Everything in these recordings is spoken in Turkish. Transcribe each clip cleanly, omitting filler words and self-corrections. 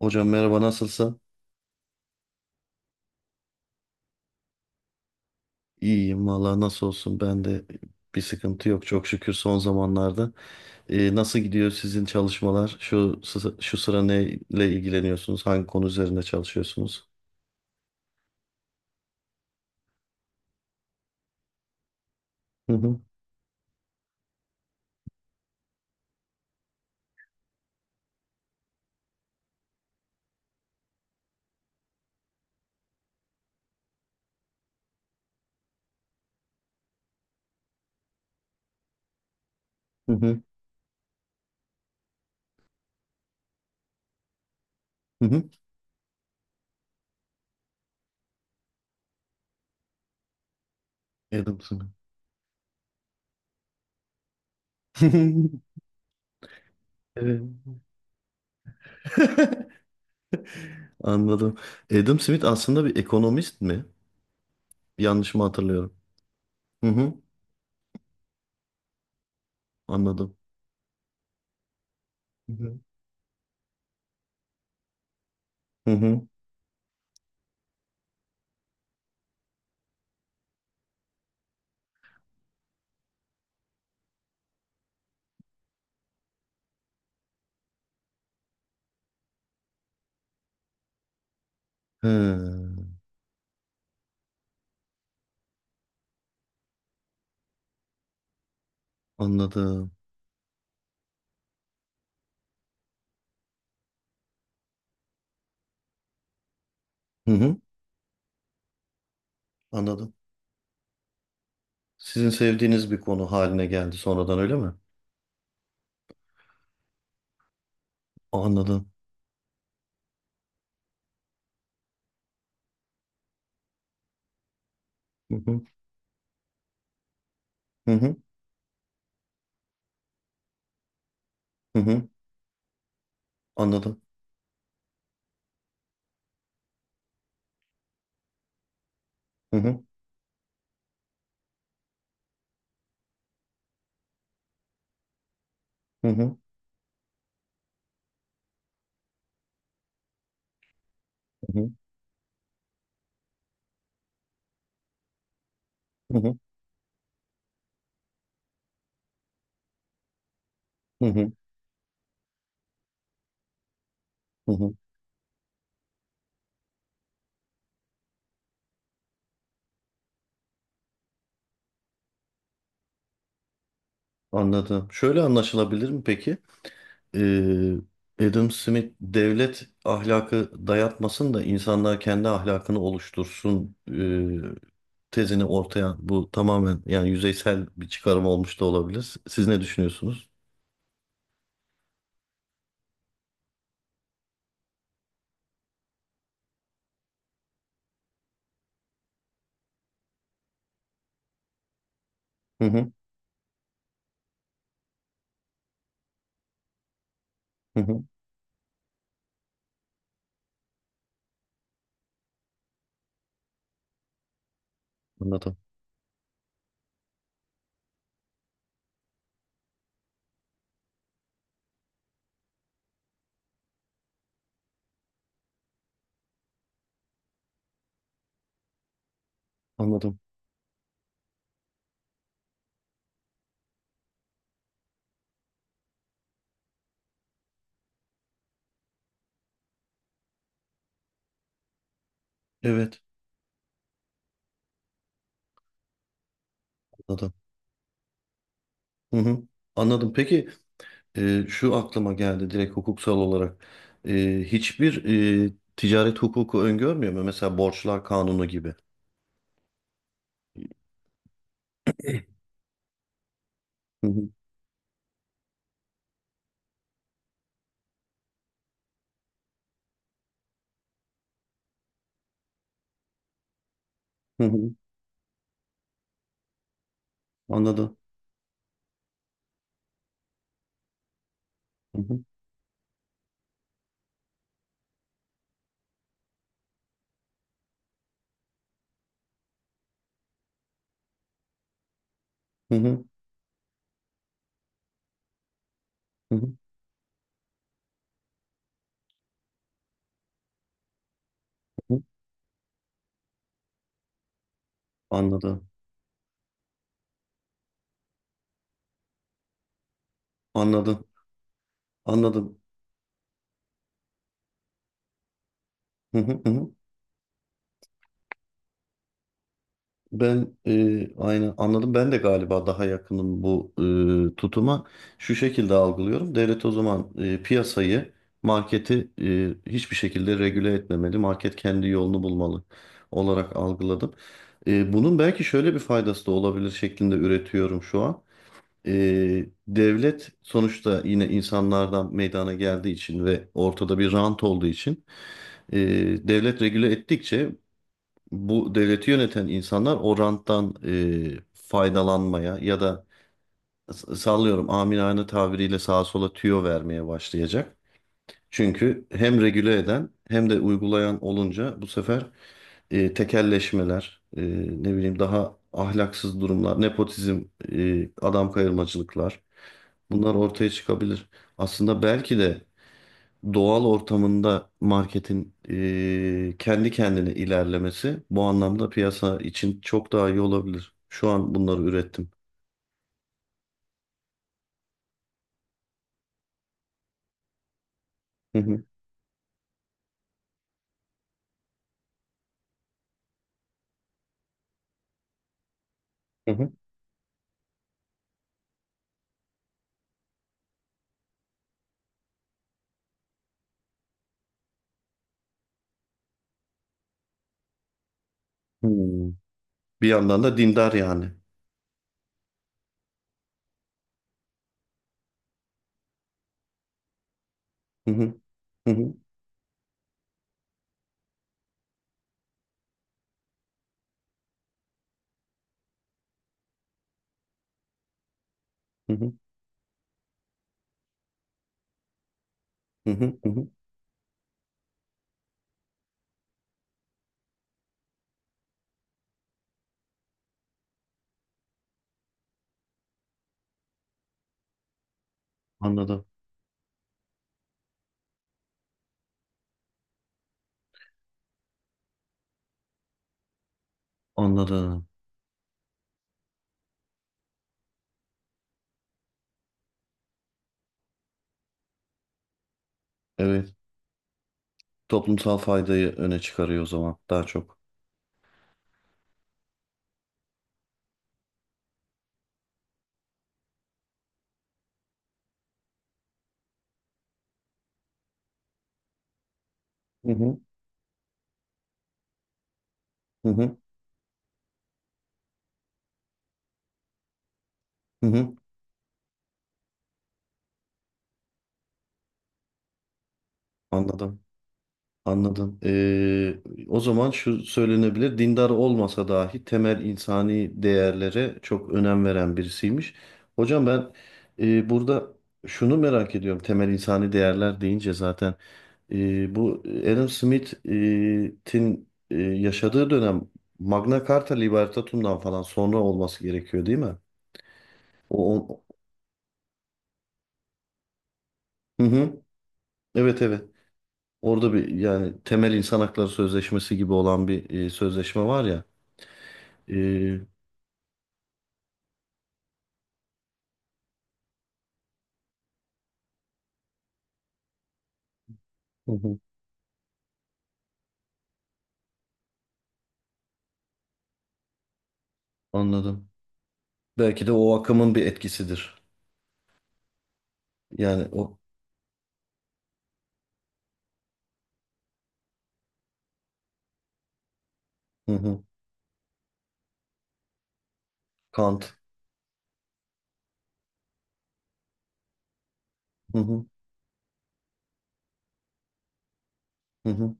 Hocam merhaba nasılsın? İyiyim valla nasıl olsun ben de bir sıkıntı yok çok şükür son zamanlarda. Nasıl gidiyor sizin çalışmalar? Şu sıra neyle ilgileniyorsunuz? Hangi konu üzerinde çalışıyorsunuz? Hı hı. Hı hı. Hı. hı. Adam Smith. Evet. Anladım. Adam Smith aslında bir ekonomist mi? Yanlış mı hatırlıyorum? Hı hı. Anladım. Hı hı. Hı hı. He, anladım. Hı hı. Anladım. Sizin sevdiğiniz bir konu haline geldi sonradan öyle mi? Anladım. Hı hı. Hı hı. Hı hı. Anladım. Hı hı. Hı hı. Hı hı. Hı hı. Hı hı. Hı hı. Anladım. Şöyle anlaşılabilir mi peki? Ee, Adam Smith devlet ahlakı dayatmasın da insanlar kendi ahlakını oluştursun, tezini ortaya bu tamamen yani yüzeysel bir çıkarım olmuş da olabilir. Siz ne düşünüyorsunuz? Hı hı. Hı hı. Anladım. Anladım. Evet. Anladım. Hı hı. Anladım. Peki. Şu aklıma geldi direkt hukuksal olarak. Hiçbir ticaret hukuku öngörmüyor mu? Mesela borçlar kanunu gibi. Hı hı, hı hı. Anladım. Hı hı, hı hı, hı hı, hı hı. Anladım. Anladım. Anladım. Hı hı, hı hı. Ben aynı anladım. Ben de galiba daha yakınım bu tutuma. Şu şekilde algılıyorum. Devlet o zaman piyasayı, marketi hiçbir şekilde regüle etmemeli. Market kendi yolunu bulmalı olarak algıladım. Bunun belki şöyle bir faydası da olabilir şeklinde üretiyorum şu an. Devlet sonuçta yine insanlardan meydana geldiği için ve ortada bir rant olduğu için e, devlet regüle ettikçe bu devleti yöneten insanlar o ranttan faydalanmaya ya da sallıyorum amiyane tabiriyle sağa sola tüyo vermeye başlayacak. Çünkü hem regüle eden hem de uygulayan olunca bu sefer tekelleşmeler, ne bileyim daha ahlaksız durumlar, nepotizm, adam kayırmacılıklar bunlar ortaya çıkabilir. Aslında belki de doğal ortamında marketin kendi kendine ilerlemesi bu anlamda piyasa için çok daha iyi olabilir. Şu an bunları ürettim. Hı hı, hı hı. Hmm. Bir yandan da dindar yani. Hı hı, hı hı, hı hı, hı hı, hı hı. Anladım, anladım. Evet, toplumsal faydayı öne çıkarıyor o zaman daha çok. Hı hı, hı hı, hı hı. Anladım. Anladım. O zaman şu söylenebilir, dindar olmasa dahi temel insani değerlere çok önem veren birisiymiş. Hocam ben burada şunu merak ediyorum, temel insani değerler deyince zaten bu Adam Smith'in yaşadığı dönem Magna Carta Libertatum'dan falan sonra olması gerekiyor değil mi? O, o- hı hı. Evet, evet. Orada bir yani temel insan hakları sözleşmesi gibi olan bir sözleşme var ya. e, Hı hı. Anladım. Belki de o akımın bir etkisidir. Yani o. Hı hı. Kant. Hı hı. Hı hı.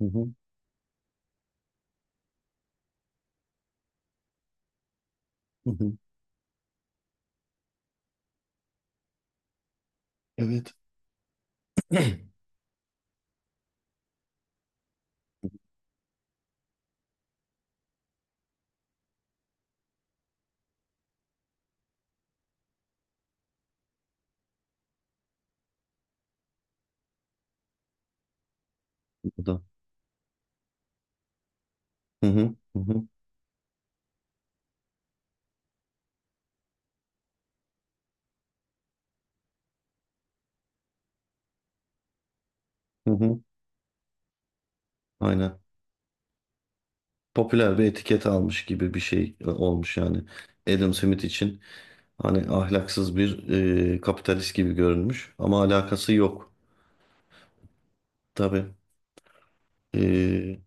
Hı hı. Hı hı. Evet. Bu da. Hı hı. Hı hı. Hı hı. Aynen. Popüler bir etiket almış gibi bir şey olmuş yani. Adam Smith için hani ahlaksız bir kapitalist gibi görünmüş ama alakası yok. Tabii. E,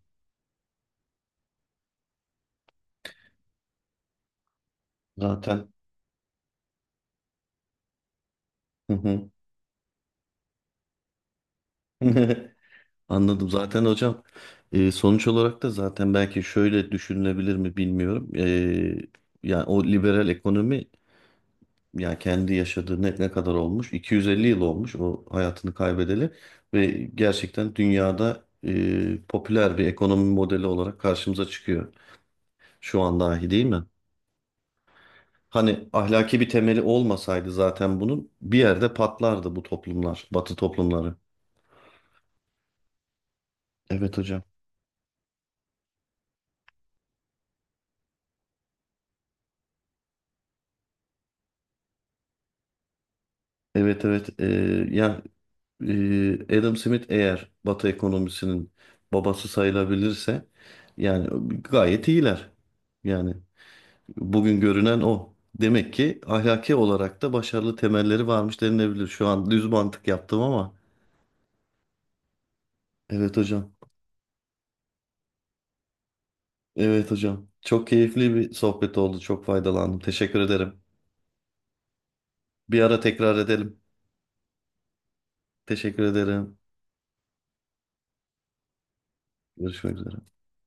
Zaten. Hı hı. Anladım. Zaten hocam sonuç olarak da zaten belki şöyle düşünülebilir mi bilmiyorum. Yani o liberal ekonomi yani kendi yaşadığı ne kadar olmuş? 250 yıl olmuş o hayatını kaybedeli ve gerçekten dünyada popüler bir ekonomi modeli olarak karşımıza çıkıyor şu an dahi değil mi? Hani ahlaki bir temeli olmasaydı zaten bunun bir yerde patlardı bu toplumlar, Batı toplumları. Evet hocam. Evet, evet. Ya Adam Smith eğer Batı ekonomisinin babası sayılabilirse yani gayet iyiler. Yani bugün görünen o. Demek ki ahlaki olarak da başarılı temelleri varmış denilebilir. Şu an düz mantık yaptım ama. Evet hocam. Evet hocam. Çok keyifli bir sohbet oldu. Çok faydalandım. Teşekkür ederim. Bir ara tekrar edelim. Teşekkür ederim. Görüşmek üzere.